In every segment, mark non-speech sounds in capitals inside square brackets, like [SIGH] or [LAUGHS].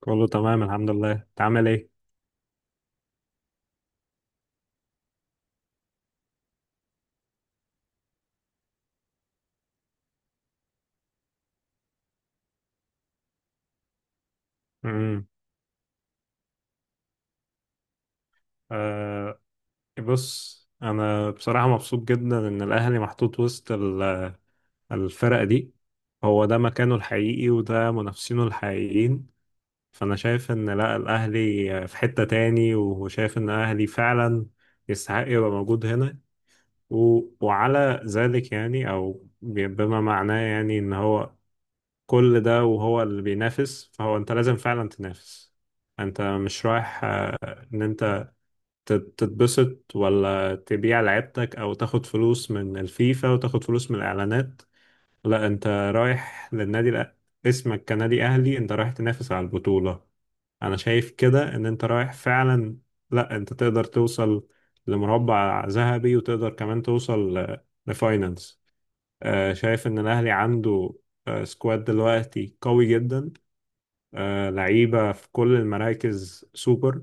كله تمام، الحمد لله. انت عامل ايه؟ امم آه بص، انا بصراحه مبسوط جدا ان الاهلي محطوط وسط الفرق دي. هو ده مكانه الحقيقي، وده منافسينه الحقيقيين. فانا شايف ان لا، الاهلي في حته تاني، وشايف ان الاهلي فعلا يستحق يبقى موجود هنا. وعلى ذلك يعني، او بما معناه يعني، ان هو كل ده وهو اللي بينافس، فهو انت لازم فعلا تنافس. انت مش رايح ان انت تتبسط، ولا تبيع لعبتك، او تاخد فلوس من الفيفا وتاخد فلوس من الاعلانات. لا، انت رايح للنادي. اسمك كنادي اهلي، انت رايح تنافس على البطولة. انا شايف كده ان انت رايح فعلا. لا، انت تقدر توصل لمربع ذهبي، وتقدر كمان توصل لفاينانس. شايف ان الاهلي عنده سكواد دلوقتي قوي جدا. لعيبة في كل المراكز سوبر.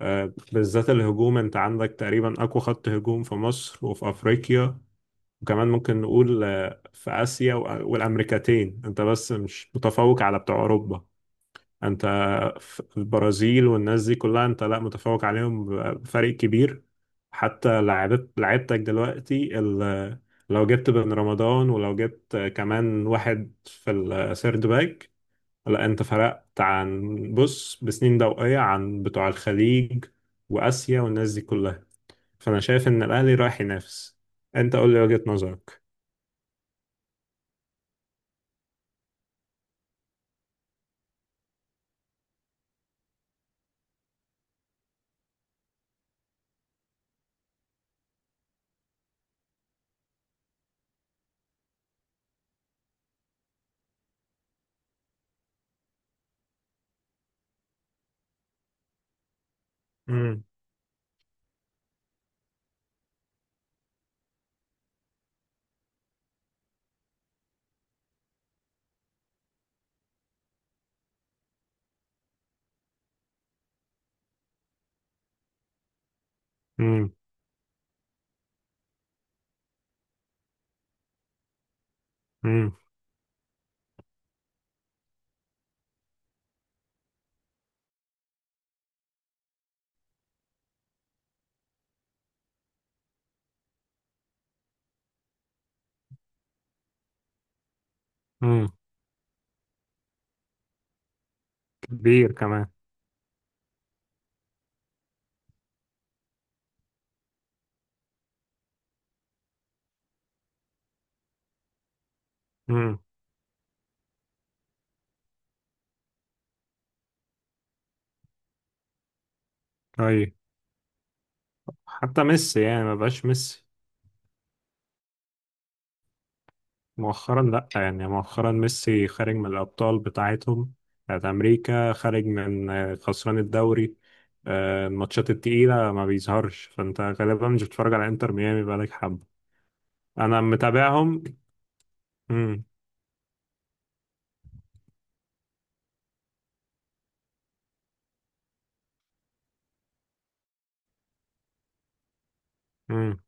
بالذات الهجوم، انت عندك تقريبا اقوى خط هجوم في مصر وفي افريقيا. وكمان ممكن نقول في اسيا والامريكتين. انت بس مش متفوق على بتوع اوروبا. انت في البرازيل والناس دي كلها، انت لا متفوق عليهم بفرق كبير. حتى لعبت لعبتك دلوقتي. لو جبت بن رمضان، ولو جبت كمان واحد في السيرد باك، لا، انت فرقت عن بص بسنين ضوئية عن بتوع الخليج وآسيا والناس دي كلها. فأنا شايف إن الأهلي رايح ينافس. انت قول لي وجهة نظرك. امم. امم. امم. امم. كبير كمان. امم. طيب. حتى ميسي يعني ما بقاش ميسي مؤخرا. لا يعني، مؤخرا ميسي خارج من الأبطال بتاعتهم بتاعت أمريكا، خارج من خسران الدوري. الماتشات التقيلة ما بيظهرش، فأنت غالبا مش بتتفرج على انتر ميامي بقالك حبة. انا متابعهم. امم. امم.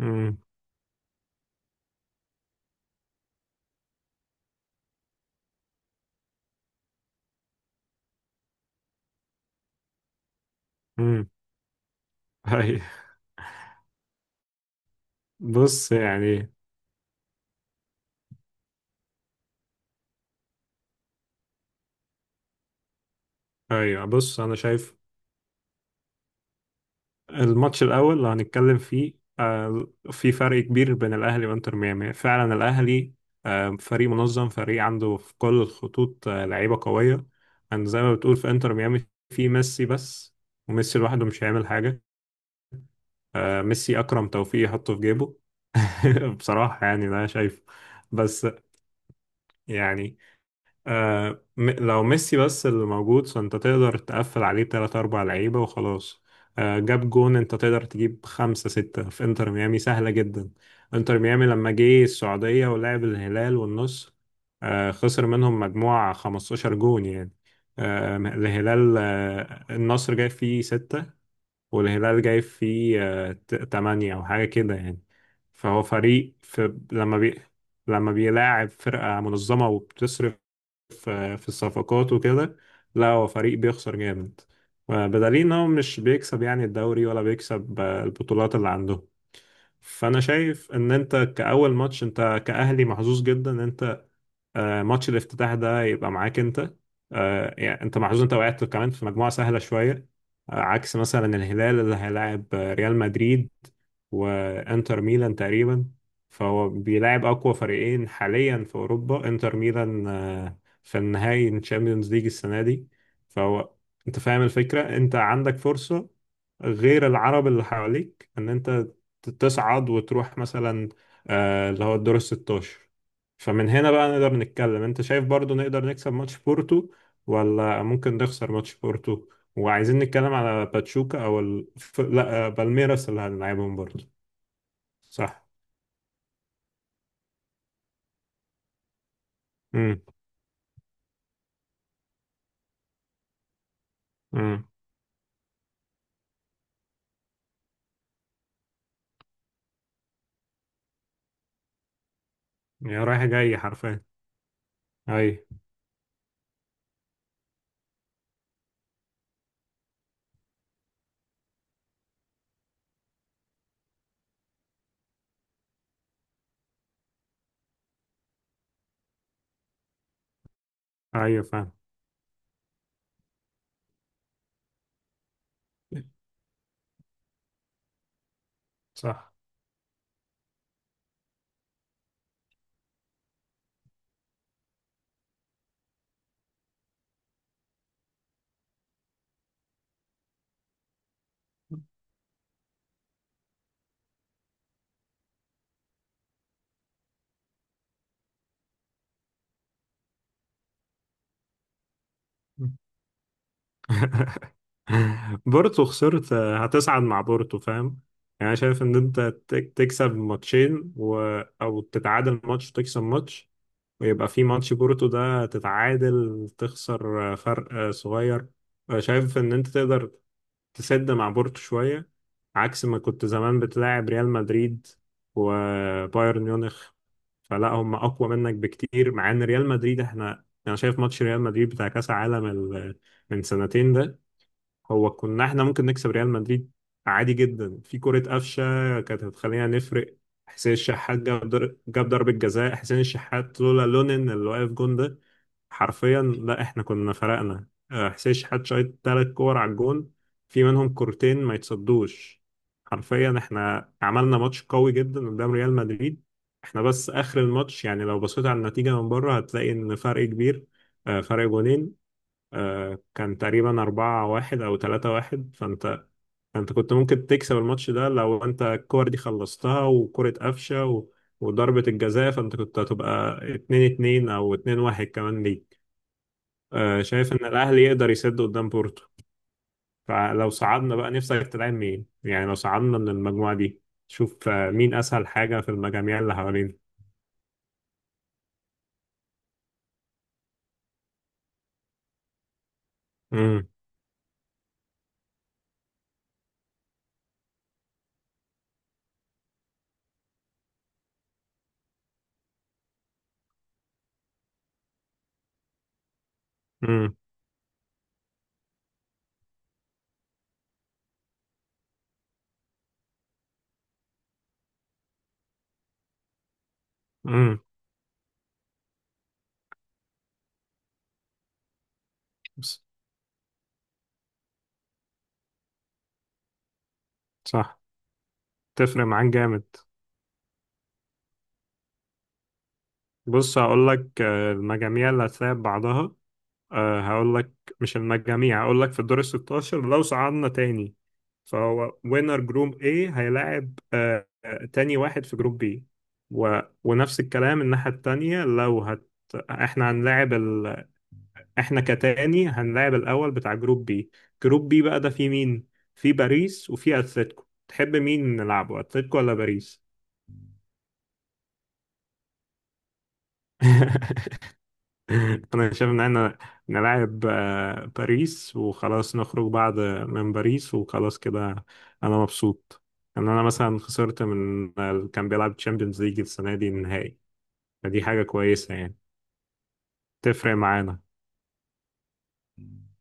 امم. امم. هاي. بص يعني. ايوه، بص، انا شايف الماتش الاول اللي هنتكلم فيه في فرق كبير بين الاهلي وانتر ميامي. فعلا الاهلي فريق منظم، فريق عنده في كل الخطوط لعيبه قويه. يعني زي ما بتقول، في انتر ميامي في ميسي بس، وميسي لوحده مش هيعمل حاجه. ميسي اكرم توفيق يحطه في جيبه. [LAUGHS] بصراحه يعني، ده شايف بس يعني لو ميسي بس اللي موجود، فانت تقدر تقفل عليه تلات أربع لعيبة وخلاص. آه، جاب جون، انت تقدر تجيب خمسة ستة في انتر ميامي سهلة جدا. انتر ميامي لما جه السعودية ولعب الهلال والنصر، آه، خسر منهم مجموعة 15 جون يعني. آه، الهلال، آه، النصر جاي فيه ستة، والهلال جاي فيه تمانية أو حاجة كده يعني. فهو فريق في لما بي لما بيلاعب فرقة منظمة وبتصرف في الصفقات وكده، لا، هو فريق بيخسر جامد، بدليل ان هو مش بيكسب يعني الدوري، ولا بيكسب البطولات اللي عنده. فانا شايف ان انت كأول ماتش، انت كأهلي محظوظ جدا ان انت ماتش الافتتاح ده يبقى معاك انت. يعني انت محظوظ، انت وقعت كمان في مجموعة سهلة شوية، عكس مثلا الهلال اللي هيلاعب ريال مدريد وانتر ميلان تقريبا. فهو بيلاعب اقوى فريقين حاليا في اوروبا، انتر ميلان في النهائي الشامبيونز ليج السنة دي. فهو انت فاهم الفكرة، انت عندك فرصة غير العرب اللي حواليك ان انت تصعد وتروح مثلا اللي هو الدور 16. فمن هنا بقى نقدر نتكلم، انت شايف برضو نقدر نكسب ماتش بورتو، ولا ممكن نخسر ماتش بورتو؟ وعايزين نتكلم على باتشوكا، او لا، بالميراس اللي هنلعبهم برضو. صح. امم. امم. يا رايح جاي حرفيا. اي. ايوه فاهم. صح. [LAUGHS] بورتو خسرت، هتصعد مع بورتو، فاهم. يعني شايف ان انت تكسب ماتشين، او تتعادل ماتش وتكسب ماتش، ويبقى في ماتش بورتو ده تتعادل، تخسر فرق صغير. شايف ان انت تقدر تسد مع بورتو شوية، عكس ما كنت زمان بتلاعب ريال مدريد وبايرن ميونخ. فلا هم اقوى منك بكتير، مع ان ريال مدريد احنا، انا شايف ماتش ريال مدريد بتاع كاس عالم من سنتين ده، هو كنا احنا ممكن نكسب ريال مدريد عادي جدا. في كرة قفشة كانت هتخلينا نفرق. حسين الشحات جاب جاب ضربة جزاء. حسين الشحات لولا لونين اللي واقف جون ده، حرفيا لا، احنا كنا فرقنا. حسين الشحات شايط ثلاث كور على الجون، في منهم كورتين ما يتصدوش. حرفيا احنا عملنا ماتش قوي جدا قدام ريال مدريد. احنا بس اخر الماتش، يعني لو بصيت على النتيجة من بره هتلاقي ان فرق كبير، فرق جونين، كان تقريبا أربعة واحد أو تلاتة واحد. أنت كنت ممكن تكسب الماتش ده لو أنت الكور دي خلصتها، وكرة قفشة وضربة الجزاء، فأنت كنت هتبقى اتنين اتنين أو اتنين واحد كمان ليك. شايف إن الأهلي يقدر يسد قدام بورتو. فلو صعدنا، بقى نفسك تلعب مين يعني لو صعدنا من المجموعة دي؟ شوف مين أسهل حاجة في المجاميع اللي حوالينا. امم. امم. امم. صح. تفرق معاك جامد. بص، هقول لك المجاميع اللي هتلاعب بعضها. أه، هقول لك، مش المجاميع، هقول لك في الدور ال 16. لو صعدنا تاني، فهو وينر جروب A هيلاعب أه آه، تاني واحد في جروب B. ونفس الكلام الناحية التانية. احنا هنلاعب احنا كتاني هنلاعب الأول بتاع جروب B. جروب B بقى ده فيه مين؟ فيه باريس وفيه أتلتيكو. تحب مين نلعبه، أتلتيكو ولا باريس؟ [LAUGHS] [LAUGHS] انا شايف ان احنا نلعب باريس وخلاص، نخرج بعد من باريس وخلاص كده. انا مبسوط ان انا مثلا خسرت من اللي كان بيلعب تشامبيونز ليج السنه دي النهائي. فدي حاجه كويسه يعني. تفرق معانا.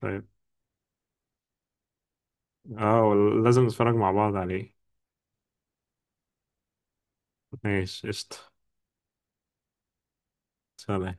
طيب. اه، لازم نتفرج مع بعض عليه. ماشي، قشطه. سلام.